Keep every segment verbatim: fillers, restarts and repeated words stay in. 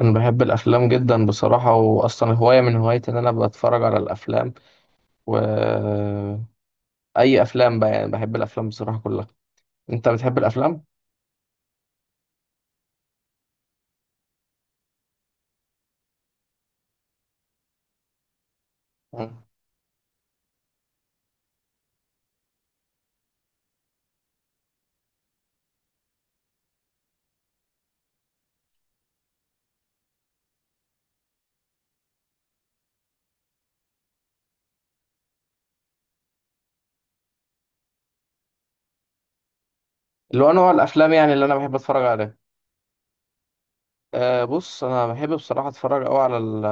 أنا بحب الأفلام جدا بصراحة، وأصلا هواية من هوايتي إن أنا بتفرج على الأفلام، وأي أفلام بقى، يعني بحب الأفلام بصراحة كلها. أنت بتحب الأفلام؟ مم. اللي هو نوع الأفلام يعني اللي أنا بحب أتفرج عليها. أه بص، أنا بحب بصراحة أتفرج أوي على ال-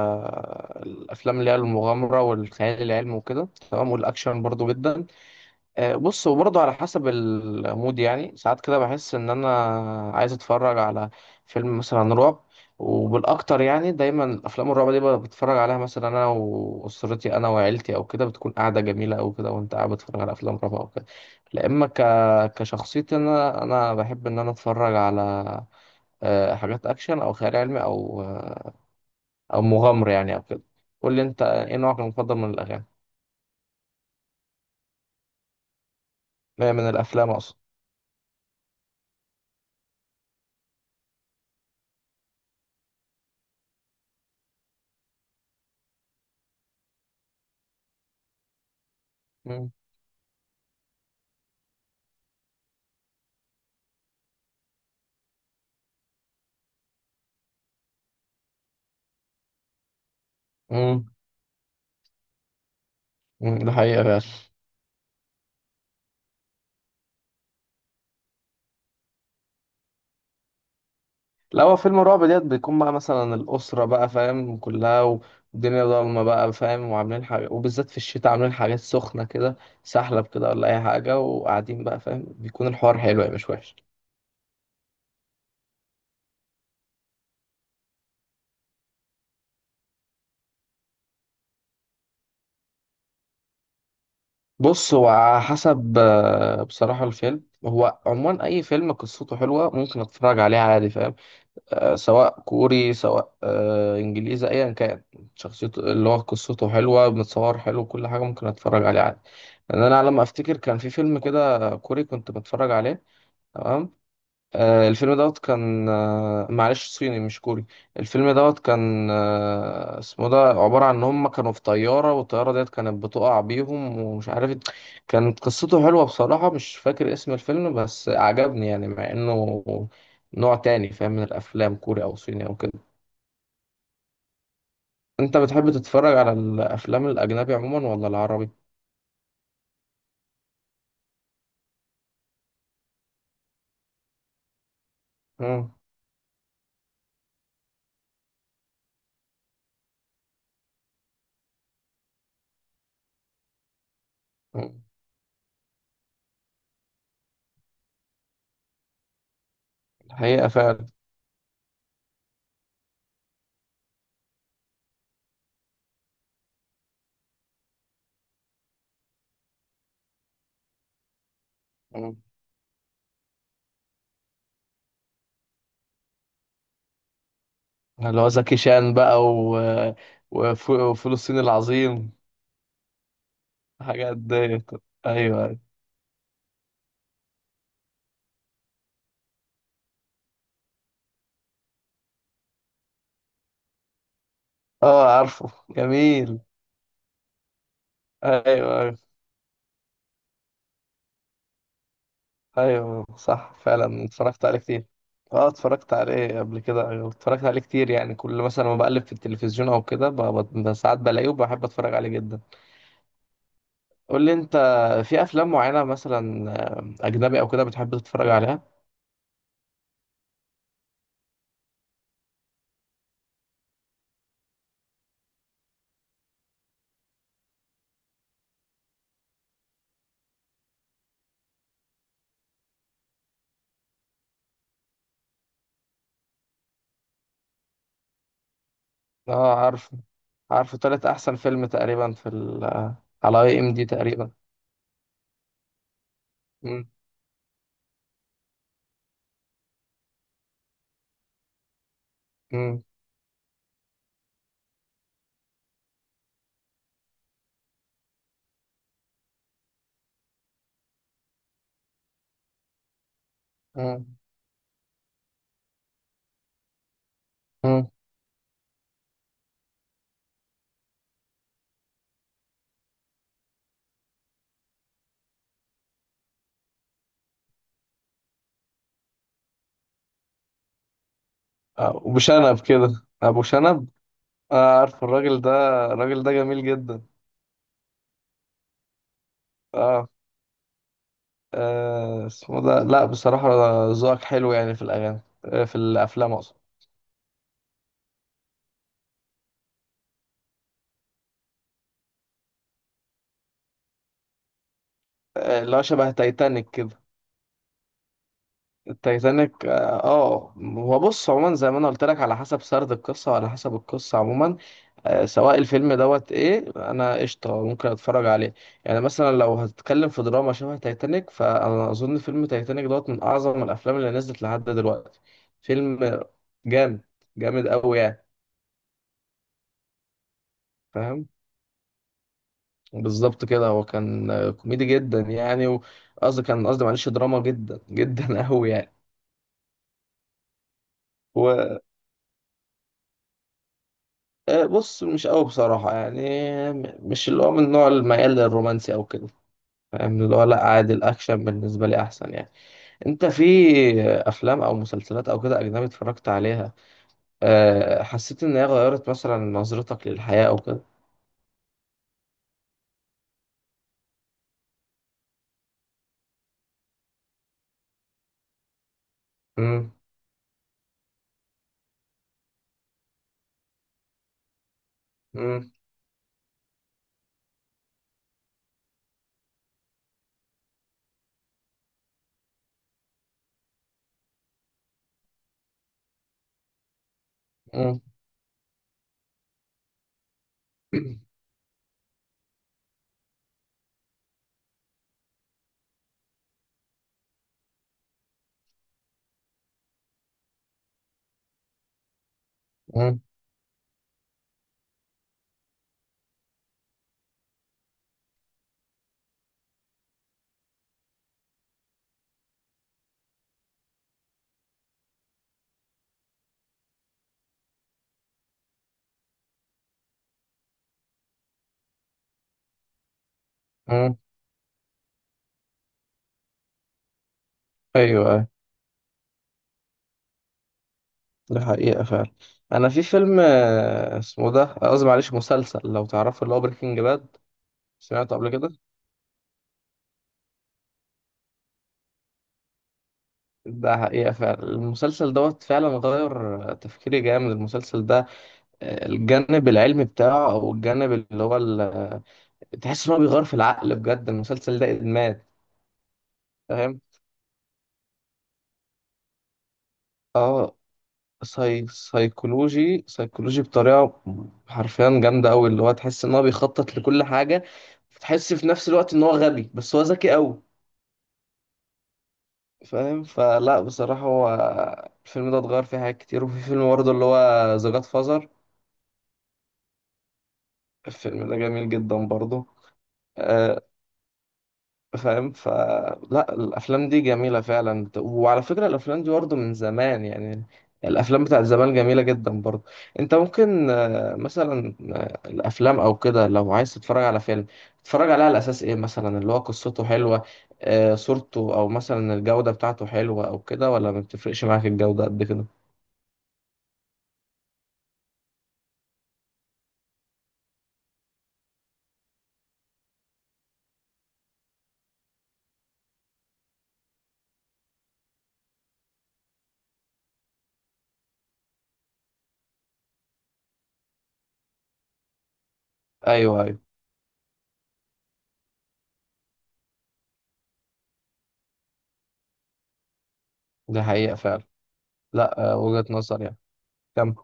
الأفلام اللي هي المغامرة والخيال العلمي وكده، تمام، والأكشن برضو جدا. آه، بص هو برضه على حسب المود، يعني ساعات كده بحس ان انا عايز اتفرج على فيلم مثلا رعب، وبالاكتر يعني دايما افلام الرعب دي بقى بتفرج عليها مثلا انا واسرتي، انا وعيلتي او كده، بتكون قاعده جميله او كده، وانت قاعد بتتفرج على افلام رعب او كده. لا اما ك... كشخصيتي انا انا بحب ان انا اتفرج على آه، حاجات اكشن او خيال علمي او آه، او مغامره يعني او كده. قول لي انت ايه نوعك المفضل من الاغاني، آه، من الافلام اقصد. مم. مم. مم. ده حقيقة فعلا. لا، هو فيلم رعب ديت بيكون بقى مثلا الأسرة بقى فاهم كلها و- والدنيا ضلمة بقى فاهم، وعاملين حاجة، وبالذات في الشتاء عاملين حاجات سخنة كده، سحلب كده ولا أي حاجة، وقاعدين بقى فاهم بيكون الحوار حلو يعني، مش وحش. بص هو على حسب آه، بصراحة الفيلم هو عموما أي فيلم قصته حلوة ممكن أتفرج عليه عادي فاهم. آه، سواء كوري، سواء آه، انجليزي، ايا كان شخصيته، اللي هو قصته حلوه، متصور حلو، كل حاجه ممكن اتفرج عليه عادي. لان انا على ما افتكر كان في فيلم كده كوري كنت بتفرج عليه، تمام. آه، الفيلم دوت كان آه، معلش صيني مش كوري. الفيلم دوت كان آه، اسمه ده عبارة عن ان هم كانوا في طيارة، والطيارة ديت كانت بتقع بيهم ومش عارف، كانت قصته حلوة بصراحة. مش فاكر اسم الفيلم بس عجبني يعني، مع انه نوع تاني فاهم من الافلام كوري او صيني او كده. انت بتحب تتفرج على الافلام الاجنبي عموما ولا العربي؟ مم. مم. الحقيقة فعلا. مم. اللي هو زكي شان بقى و... وف- وفلسطين العظيم. حاجات ديت. ايوه ايوه. اه عارفه، جميل. ايوه ايوه. ايوه صح فعلا، اتفرجت عليه كتير. اه اتفرجت عليه قبل كده، أيوة، اتفرجت عليه كتير يعني، كل مثلا ما بقلب في التلفزيون او كده ب- ب- ساعات بلاقيه، وبحب اتفرج عليه جدا. قول لي انت، في افلام معينه مثلا آه، اجنبي او كده بتحب تتفرج عليها؟ اه عارفه، عارفه تالت احسن فيلم تقريبا في ال آه، على اي ام دي تقريبا. مم، مم، مم، مم. آه، ابو شنب كده، ابو شنب. آه عارف الراجل ده، الراجل ده جميل جدا. اه، آه اسمه ده، لا بصراحة، ذوقك حلو يعني في الأغاني، آه في الأفلام أقصد. آه اللي هو شبه تايتانيك كده. التايتانيك، اه. آه، هو بص عموما زي ما انا قلت لك على حسب سرد القصة وعلى حسب القصة عموما، آه سواء الفيلم دوت ايه انا، قشطة، ممكن اتفرج عليه. يعني مثلا لو هتتكلم في دراما شبه تايتانيك، فانا اظن فيلم تايتانيك دوت من اعظم الافلام اللي نزلت لحد دلوقتي. فيلم جامد، جامد قوي يعني. فاهم، بالظبط كده. هو كان آه، كوميدي جدا يعني، وقصدي كان قصدي، معلش، دراما جدا جدا قوي يعني. هو آه، بص مش قوي بصراحة يعني، م- مش اللي هو من نوع الميال للرومانسي او كده، فاهم اللي هو، لا عادي، الاكشن بالنسبة لي احسن يعني. انت في افلام او مسلسلات او كده اجنبي اتفرجت عليها، آه، حسيت ان هي غيرت مثلا نظرتك للحياة او كده؟ امم. امم. امم. امم. ايوه أيوه. ده حقيقة فعلا. أنا في فيلم آه، اسمه ده، آه، قصدي معلش مسلسل لو تعرفه اللي هو بريكنج باد. سمعته قبل كده. ده حقيقة فعلا، المسلسل دوت فعلا غير آه، تفكيري جامد المسلسل ده. آه، الجانب العلمي بتاعه أو الجانب اللي هو ال- آه، تحس إن هو بيغير في العقل بجد، المسلسل ده إدمان فاهم. اه ساي... سايكولوجي سايكولوجي بطريقة حرفيا جامدة أوي، اللي هو تحس إن هو بيخطط لكل حاجة، تحس في نفس الوقت إن هو غبي بس هو ذكي أوي. فاهم فلا بصراحة، هو الفيلم ده اتغير فيه حاجات كتير، وفي فيلم برضه اللي هو ذا جاد فازر، الفيلم ده جميل جدا برضه آه، فاهم. فلا الأفلام دي جميلة فعلا، وعلى فكرة الأفلام دي برضه من زمان يعني، الأفلام بتاعت زمان جميلة جدا برضه. أنت ممكن آه، مثلا آه، الأفلام أو كده لو عايز تتفرج على فيلم، تتفرج عليه على أساس إيه؟ مثلا اللي هو قصته حلوة، آه، صورته، أو مثلا الجودة بتاعته حلوة أو كده، ولا ما بتفرقش معاك الجودة قد كده؟ أيوه أيوه. ده حقيقة فعلا. لا آه، وجهة نظر يعني. كم.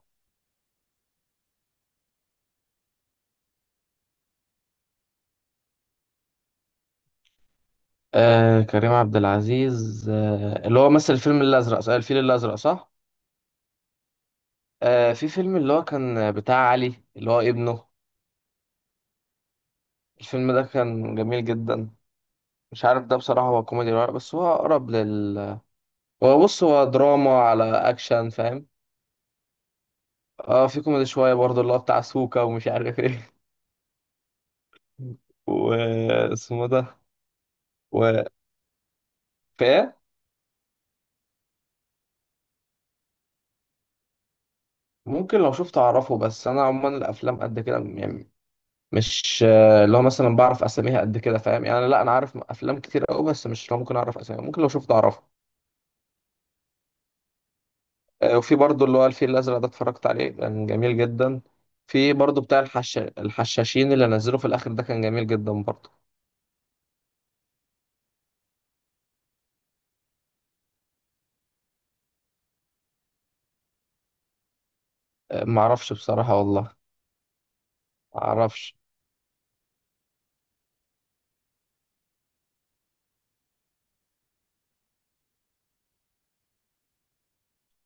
آه كريم عبد العزيز، آه اللي هو مثل الفيلم الأزرق صح؟ الفيل الأزرق صح؟ آه في فيلم اللي هو كان بتاع علي اللي هو ابنه. الفيلم ده كان جميل جدا. مش عارف ده بصراحة، هو كوميدي ولا لأ، بس هو أقرب لل هو بص، هو دراما على أكشن فاهم. اه في كوميدي شوية برضه اللي هو بتاع سوكا ومش عارف ايه واسمه ده و... فايه. ممكن لو شفت اعرفه، بس انا عموما الافلام قد كده يعني، مش آه، اللي هو مثلا بعرف اساميها قد كده، فاهم يعني، لا انا عارف افلام كتير قوي بس مش اللي هو ممكن اعرف اساميها، ممكن لو شفت اعرفها. آه، وفي برضو اللي هو الفيل الازرق ده، اتفرجت عليه كان جميل جدا. في برضو بتاع الحش... الحشاشين اللي نزلوه في الاخر ده، كان جميل جدا برضو. آه، معرفش بصراحة والله. معرفش.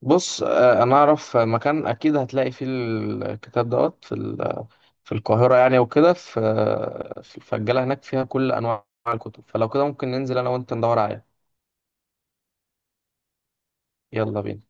بص آه، انا اعرف مكان اكيد هتلاقي فيه الكتاب دوت في ال... في القاهرة يعني، وكده، في في الفجالة هناك، فيها كل انواع الكتب، فلو كده ممكن ننزل انا وانت ندور عليه. يلا بينا.